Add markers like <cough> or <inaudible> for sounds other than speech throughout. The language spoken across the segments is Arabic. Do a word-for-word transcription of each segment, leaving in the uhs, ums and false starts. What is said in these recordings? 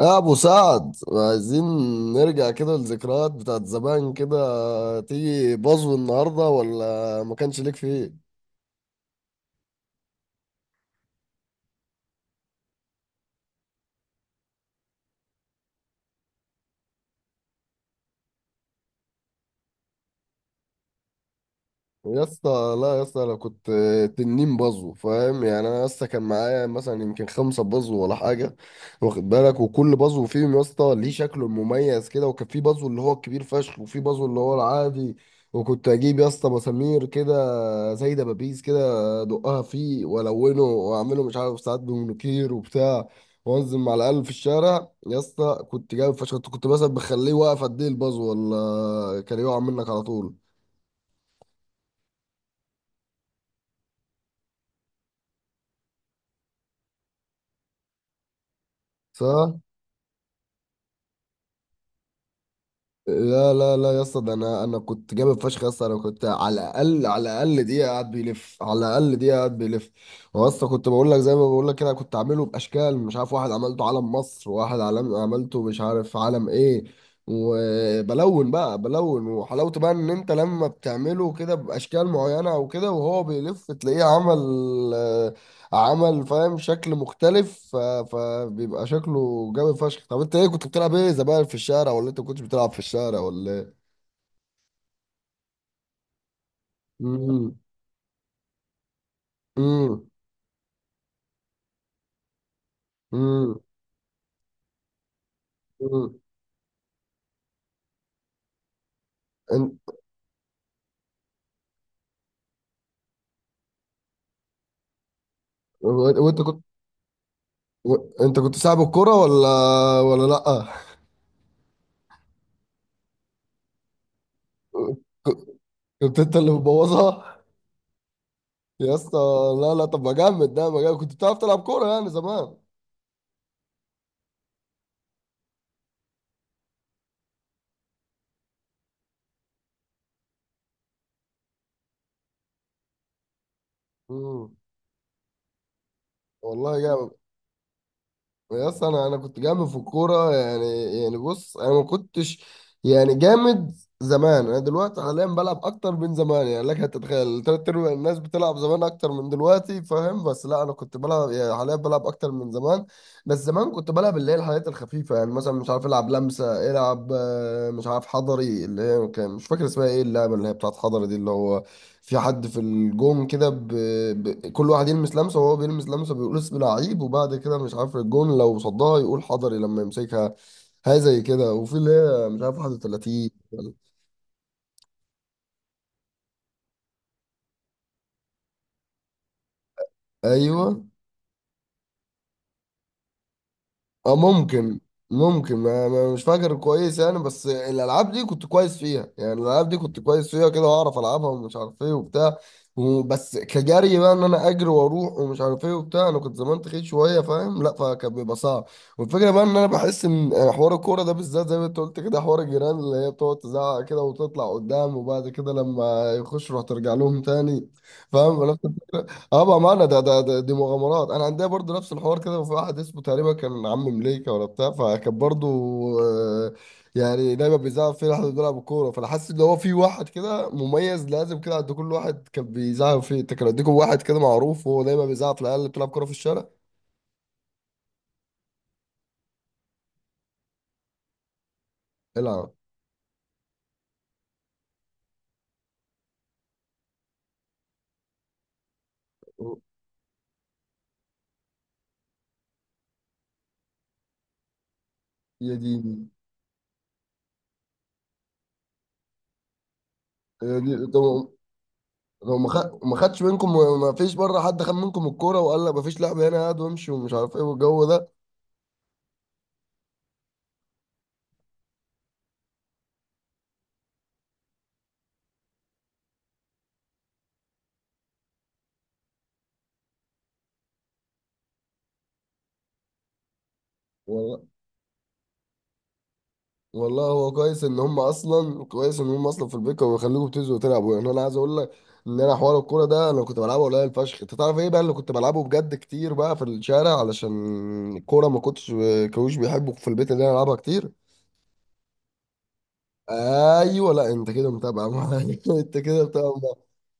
يا ابو سعد، عايزين نرجع كده للذكريات بتاعت زمان. كده تيجي بازو النهارده ولا ما كانش ليك فيه؟ يا اسطى، لا يا اسطى، انا كنت تنين بازو، فاهم؟ يعني انا يا اسطى كان معايا مثلا يمكن خمسه بازو ولا حاجه. واخد بالك، وكل بازو فيهم يا اسطى ليه شكله المميز كده، وكان في بازو اللي هو الكبير فشخ وفي بازو اللي هو العادي. وكنت اجيب يا اسطى مسامير كده زي دبابيس كده، ادقها فيه، والونه، واعمله مش عارف ساعات بمونوكير وبتاع. وانزل مع العيال في الشارع، يا اسطى كنت جايب فشخ، كنت مثلا بخليه واقف قد ايه البازو ولا كان يقع منك على طول؟ صح؟ لا، لا، لا، يا اسطى، ده انا انا كنت جامد فشخ. يا اسطى انا كنت على الاقل على الاقل دقيقه قاعد بيلف، على الاقل دقيقه قاعد بيلف. هو يا اسطى، كنت بقول لك زي ما بقول لك كده، كنت عامله باشكال، مش عارف، واحد عملته علم مصر، وواحد علم عملته مش عارف علم ايه. وبلون بقى، بلون، وحلاوته بقى ان انت لما بتعمله كده باشكال معينه وكده، وهو بيلف تلاقيه عمل عمل فاهم شكل مختلف ف... فبيبقى شكله جامد فشخ. طب انت ايه كنت بتلعب ايه زمان في الشارع، ولا انت ما كنتش بتلعب في الشارع ولا ايه؟ امم. امم. امم. امم. انت و- وانت كنت و... انت كنت صاحب الكرة ولا ولا لا؟ ك- كنت انت اللي مبوظها؟ يا اسطى، لا، لا، طب ما جامد، ده ما جامد، كنت بتعرف تلعب كورة يعني زمان. امم. والله جامد. يا اسطى، انا انا كنت جامد في الكوره يعني. يعني بص انا ما كنتش. يعني جامد. زمان، انا دلوقتي حاليا بلعب اكتر من زمان، يعني لك هتتخيل تلات ارباع الناس بتلعب زمان اكتر من دلوقتي، فاهم؟ بس لا، انا كنت بلعب يعني، حاليا بلعب اكتر من زمان. بس زمان كنت بلعب اللي هي الحاجات الخفيفه، يعني مثلا مش عارف العب لمسه، العب آه، مش عارف حضري، اللي هي كان مش فاكر اسمها ايه اللعبه اللي هي بتاعت حضري دي، اللي هو في حد في الجون كده ب... ب... كل واحد يلمس لمسه، وهو بيلمس لمسه بيقول اسم لعيب، وبعد كده مش عارف، الجون لو صدها يقول حضري لما يمسكها. هاي زي كده، وفي اللي هي مش عارف واحد وثلاثين. ايوه. اه، ممكن. ممكن، ما ما- مش فاكر كويس يعني، بس الالعاب دي كنت كويس فيها يعني، الالعاب دي كنت كويس فيها كده، واعرف العبها، ومش عارف ايه وبتاع. وبس كجري بقى، ان انا اجري واروح ومش عارف ايه وبتاع، انا كنت زمان تخيل شويه فاهم، لا فكان بيبقى صعب. والفكره بقى ان انا بحس ان حوار الكوره ده بالذات زي ما انت قلت كده، حوار الجيران اللي هي بتقعد تزعق كده وتطلع قدام، وبعد كده لما يخش روح ترجع لهم تاني. فاهم. اه بامانه، ده, ده ده دي مغامرات. انا عندي برضو نفس الحوار كده، وفي واحد اسمه تقريبا كان عم مليكه ولا بتاع، فكان برضو آه، يعني دايما بيزعق فيه لحد بيلعب الكوره. فانا حاسس ان هو في واحد كده مميز لازم كده عند كل واحد كان بيزعق فيه. انت كان عندكم واحد كده معروف وهو دايما بيزعق في العيال اللي بتلعب كوره في الشارع؟ العب. يا ديني. يا ديني، طب لو ما خد- ما خدش منكم، ما فيش بره حد خد منكم الكوره وقال لك ما فيش لعب هنا، هات وامشي ومش عارف ايه والجو ده؟ والله هو كويس ان هم اصلا كويس ان هم اصلا في البيت كانوا بيخليكم بتنزلوا تلعبوا، يعني انا عايز اقول لك ان انا حوار الكوره ده انا كنت بلعبه قليل فشخ. انت تعرف ايه بقى اللي كنت بلعبه بجد كتير بقى في الشارع؟ علشان الكوره ما كنتش كانوش بيحبوا في البيت ان انا العبها كتير. ايوه، لا انت كده متابع معايا <laughs> انت كده متابع معايا.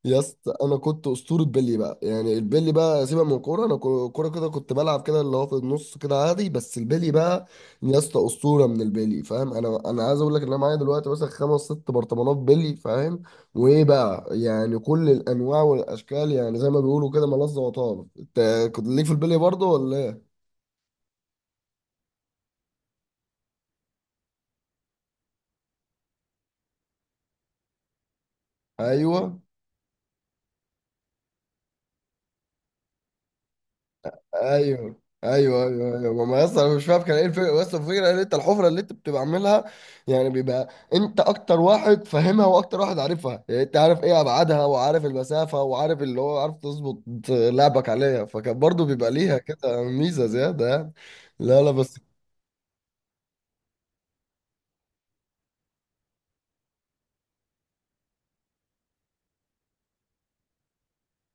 يا اسطى، انا كنت اسطوره بيلي بقى. يعني البيلي بقى، سيبك من الكوره، انا كو- كوره كده كنت بلعب كده اللي هو في النص كده عادي، بس البيلي بقى. يا اسطى، اسطوره من البيلي فاهم؟ انا انا عايز اقول لك ان انا معايا دلوقتي مثلا خمس ست برطمانات بيلي، فاهم؟ وايه بقى، يعني كل الانواع والاشكال، يعني زي ما بيقولوا كده، ملظه وطاب. انت كنت ليك في البيلي برضه ولا إيه؟ ايوه، ايوه، ايوه، ايوه، ايوه. ما اصلا انا مش فاهم كان ايه الفكره، بس الفكره ان انت الحفره اللي انت بتبقى عاملها، يعني بيبقى انت اكتر واحد فاهمها واكتر واحد عارفها، يعني انت عارف ايه ابعادها، وعارف المسافه، وعارف اللي هو عارف تظبط لعبك عليها. فكان برضو بيبقى ليها كده ميزه زياده يعني. لا، لا، بس.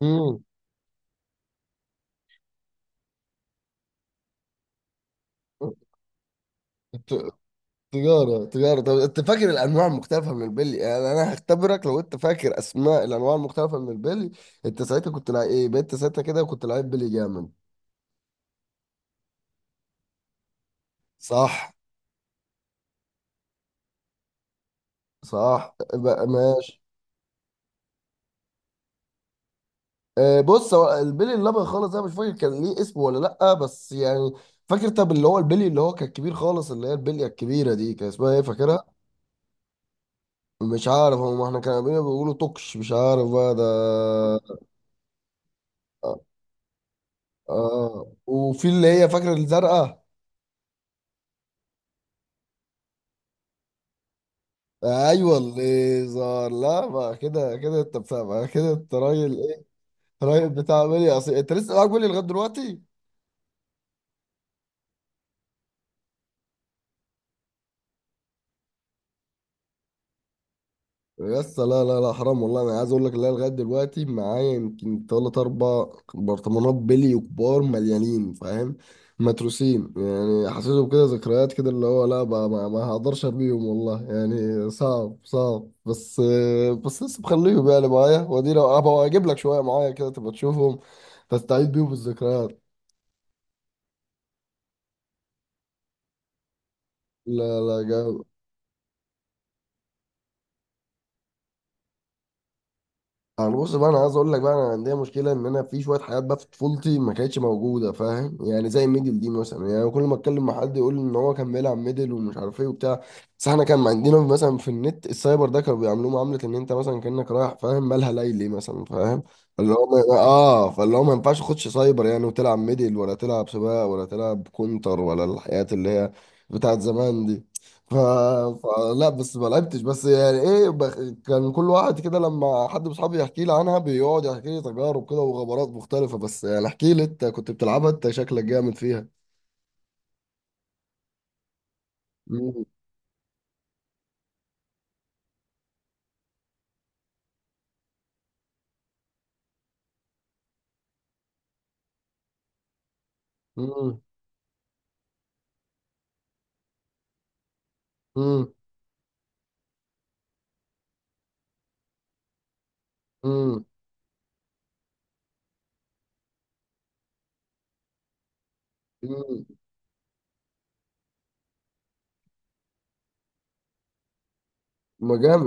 مم. ت- تجارة، تجارة. طب انت فاكر الانواع المختلفة من البلي؟ يعني انا هختبرك لو انت فاكر اسماء الانواع المختلفة من البلي. انت ساعتها كنت لعيب انت ساعتها كده كنت لعيب بلي جامد. صح. صح بقى، ماشي. آه، بص هو البلي الابيض خالص، انا مش فاكر كان ليه اسم ولا لا، بس يعني فاكر. طب اللي هو البلي اللي هو كان كبير خالص، اللي هي البليه الكبيره دي كان اسمها ايه، فاكرها؟ مش عارف، هم احنا كانوا بينا بيقولوا توكش، مش عارف بقى ده. اه، وفي اللي هي، فاكره الزرقاء. ايوه، الليزر. لا بقى كده كده، انت بتاع بقى كده، انت راجل ايه، راجل بتاع بلي اصيل. انت لسه معاك بلي لغايه دلوقتي؟ بس لا، لا، لا، حرام والله. انا عايز اقول لك، لا لغايه دلوقتي معايا يمكن تلات اربع برطمانات بلي كبار مليانين، فاهم؟ متروسين يعني. حسيته كده ذكريات كده، اللي هو لا بقى، ما, ما هقدرش ارميهم والله، يعني صعب صعب، بس بس لسه مخليهم يعني معايا، وادي لو هبقى اجيب لك شويه معايا كده تبقى تشوفهم، تستعيد بيهم الذكريات. لا، لا، جامد. انا بص بقى، انا عايز اقول لك بقى، انا عندي مشكله ان انا في شويه حاجات بقى في طفولتي ما كانتش موجوده، فاهم؟ يعني زي الميدل دي مثلا، يعني كل ما اتكلم مع حد يقول ان هو كان بيلعب ميدل ومش عارف ايه وبتاع. بس احنا كان عندنا مثلا في النت السايبر ده، كانوا بيعاملوه معامله ان انت مثلا كانك رايح، فاهم، مالها ليلي مثلا، فاهم؟ اللي هو ما- اه فاللي هو ما ينفعش تخش سايبر يعني، وتلعب ميدل، ولا تلعب سباق، ولا تلعب كونتر، ولا الحاجات اللي هي بتاعت زمان دي ف... فلا بس ما لعبتش، بس يعني ايه بخ... كان كل واحد كده لما حد من اصحابي يحكي لي عنها بيقعد يحكي لي تجارب كده وغبرات مختلفة. بس يعني احكي لي، انت كنت بتلعبها انت، شكلك جامد فيها. امم. امم. امم. امم. ما جامد.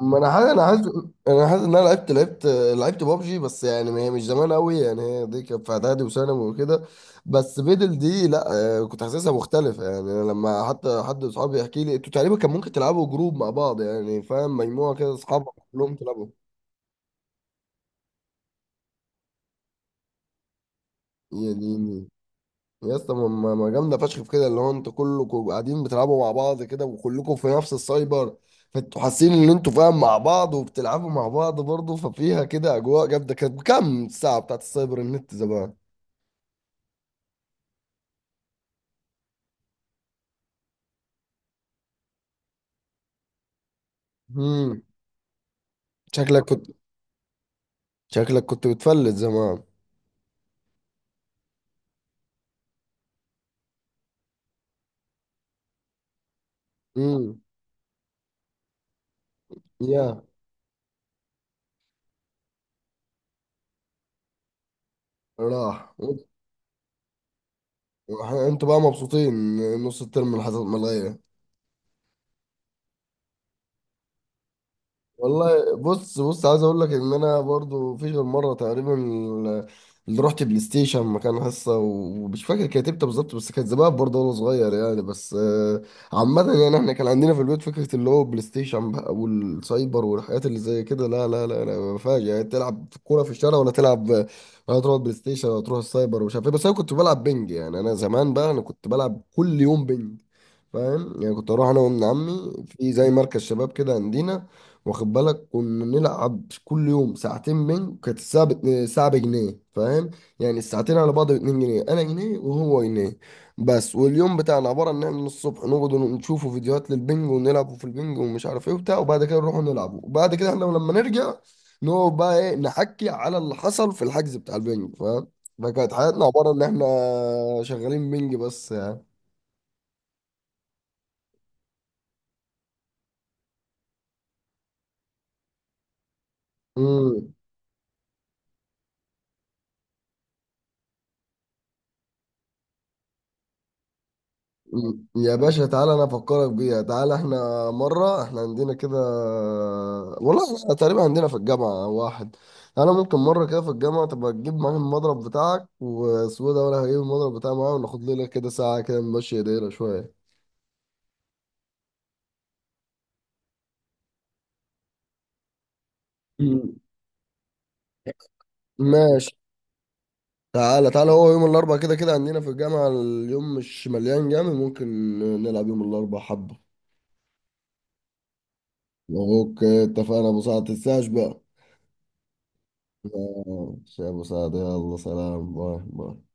ما انا حاسس انا حاسس انا حاسس ان انا لعبت لعبت لعبت بابجي. بس يعني ما هي مش زمان قوي يعني، هي دي كانت في اعدادي وثانوي وكده. بس بيدل دي لا. آه، كنت حاسسها مختلفه يعني. أنا لما حتى حد من اصحابي يحكي لي، انتوا تقريبا كان ممكن تلعبوا جروب مع بعض يعني، فاهم، مجموعه كده اصحابك كلهم تلعبوا؟ يعني يا اسطى، ما ما- ما جامده فشخ في كده، اللي هو انتوا كلكم قاعدين بتلعبوا مع بعض كده، وكلكم في نفس السايبر، فانتوا حاسين ان انتوا فاهم مع بعض، وبتلعبوا مع بعض برضه. ففيها كده اجواء جامده. كانت كام الساعه بتاعت السايبر النت زمان؟ امم. شكلك كنت شكلك كنت بتفلت زمان؟ امم. يا راح وإنت- وإحنا- انتوا بقى مبسوطين إن نص الترم الحصل ملغيه؟ والله بص، بص عايز اقول لك ان انا برضو في غير مره تقريبا اللي رحت بلاي ستيشن مكان حصه، ومش فاكر كانت امتى بالظبط بس كانت زمان برضو، وانا صغير يعني، بس آه، عامه يعني، احنا كان عندنا في البيت فكره اللي هو بلاي ستيشن بقى والسايبر والحاجات اللي زي كده، لا، لا، لا، لا، ما فيهاش يعني تلعب كوره في الشارع، ولا تلعب، ولا تروح بلاي ستيشن، ولا تروح السايبر، ومش عارف ايه. بس انا كنت بلعب بنج، يعني انا زمان بقى، انا كنت بلعب كل يوم بنج، فاهم؟ يعني كنت اروح انا وابن عمي في زي مركز شباب كده عندنا، واخد بالك، كنا نلعب كل يوم ساعتين بينج. كانت الساعه بت- الساعه بجنيه، فاهم؟ يعني الساعتين على بعض ب اتنين جنيه، انا جنيه وهو جنيه. بس واليوم بتاعنا عباره ان احنا من الصبح نقعد نشوفوا فيديوهات للبنج ونلعبوا في البنج ومش عارف ايه وبتاع، وبعد كده نروحوا نلعبوا، وبعد كده احنا لما نرجع نقعد بقى ايه نحكي على اللي حصل في الحجز بتاع البنج، فاهم؟ فكانت حياتنا عباره ان احنا شغالين بنج بس. يعني. م- يا باشا تعالى انا افكرك بيها. تعالى احنا مره، احنا عندنا كده. والله احنا تقريبا عندنا في الجامعه واحد. انا ممكن مره كده في الجامعه تبقى تجيب معاك المضرب بتاعك وسوى ده، ولا هجيب المضرب بتاعي معايا، وناخد لنا كده ساعه كده نمشي ايدينا شويه. مم. ماشي. تعالى، تعالى، هو يوم الاربعاء كده كده عندنا في الجامعه اليوم مش مليان جامد، ممكن نلعب يوم الاربعاء حبه. اوكي، اتفقنا ابو سعد، تنساش بقى. ماشي يا ابو سعد، يلا سلام، باي باي.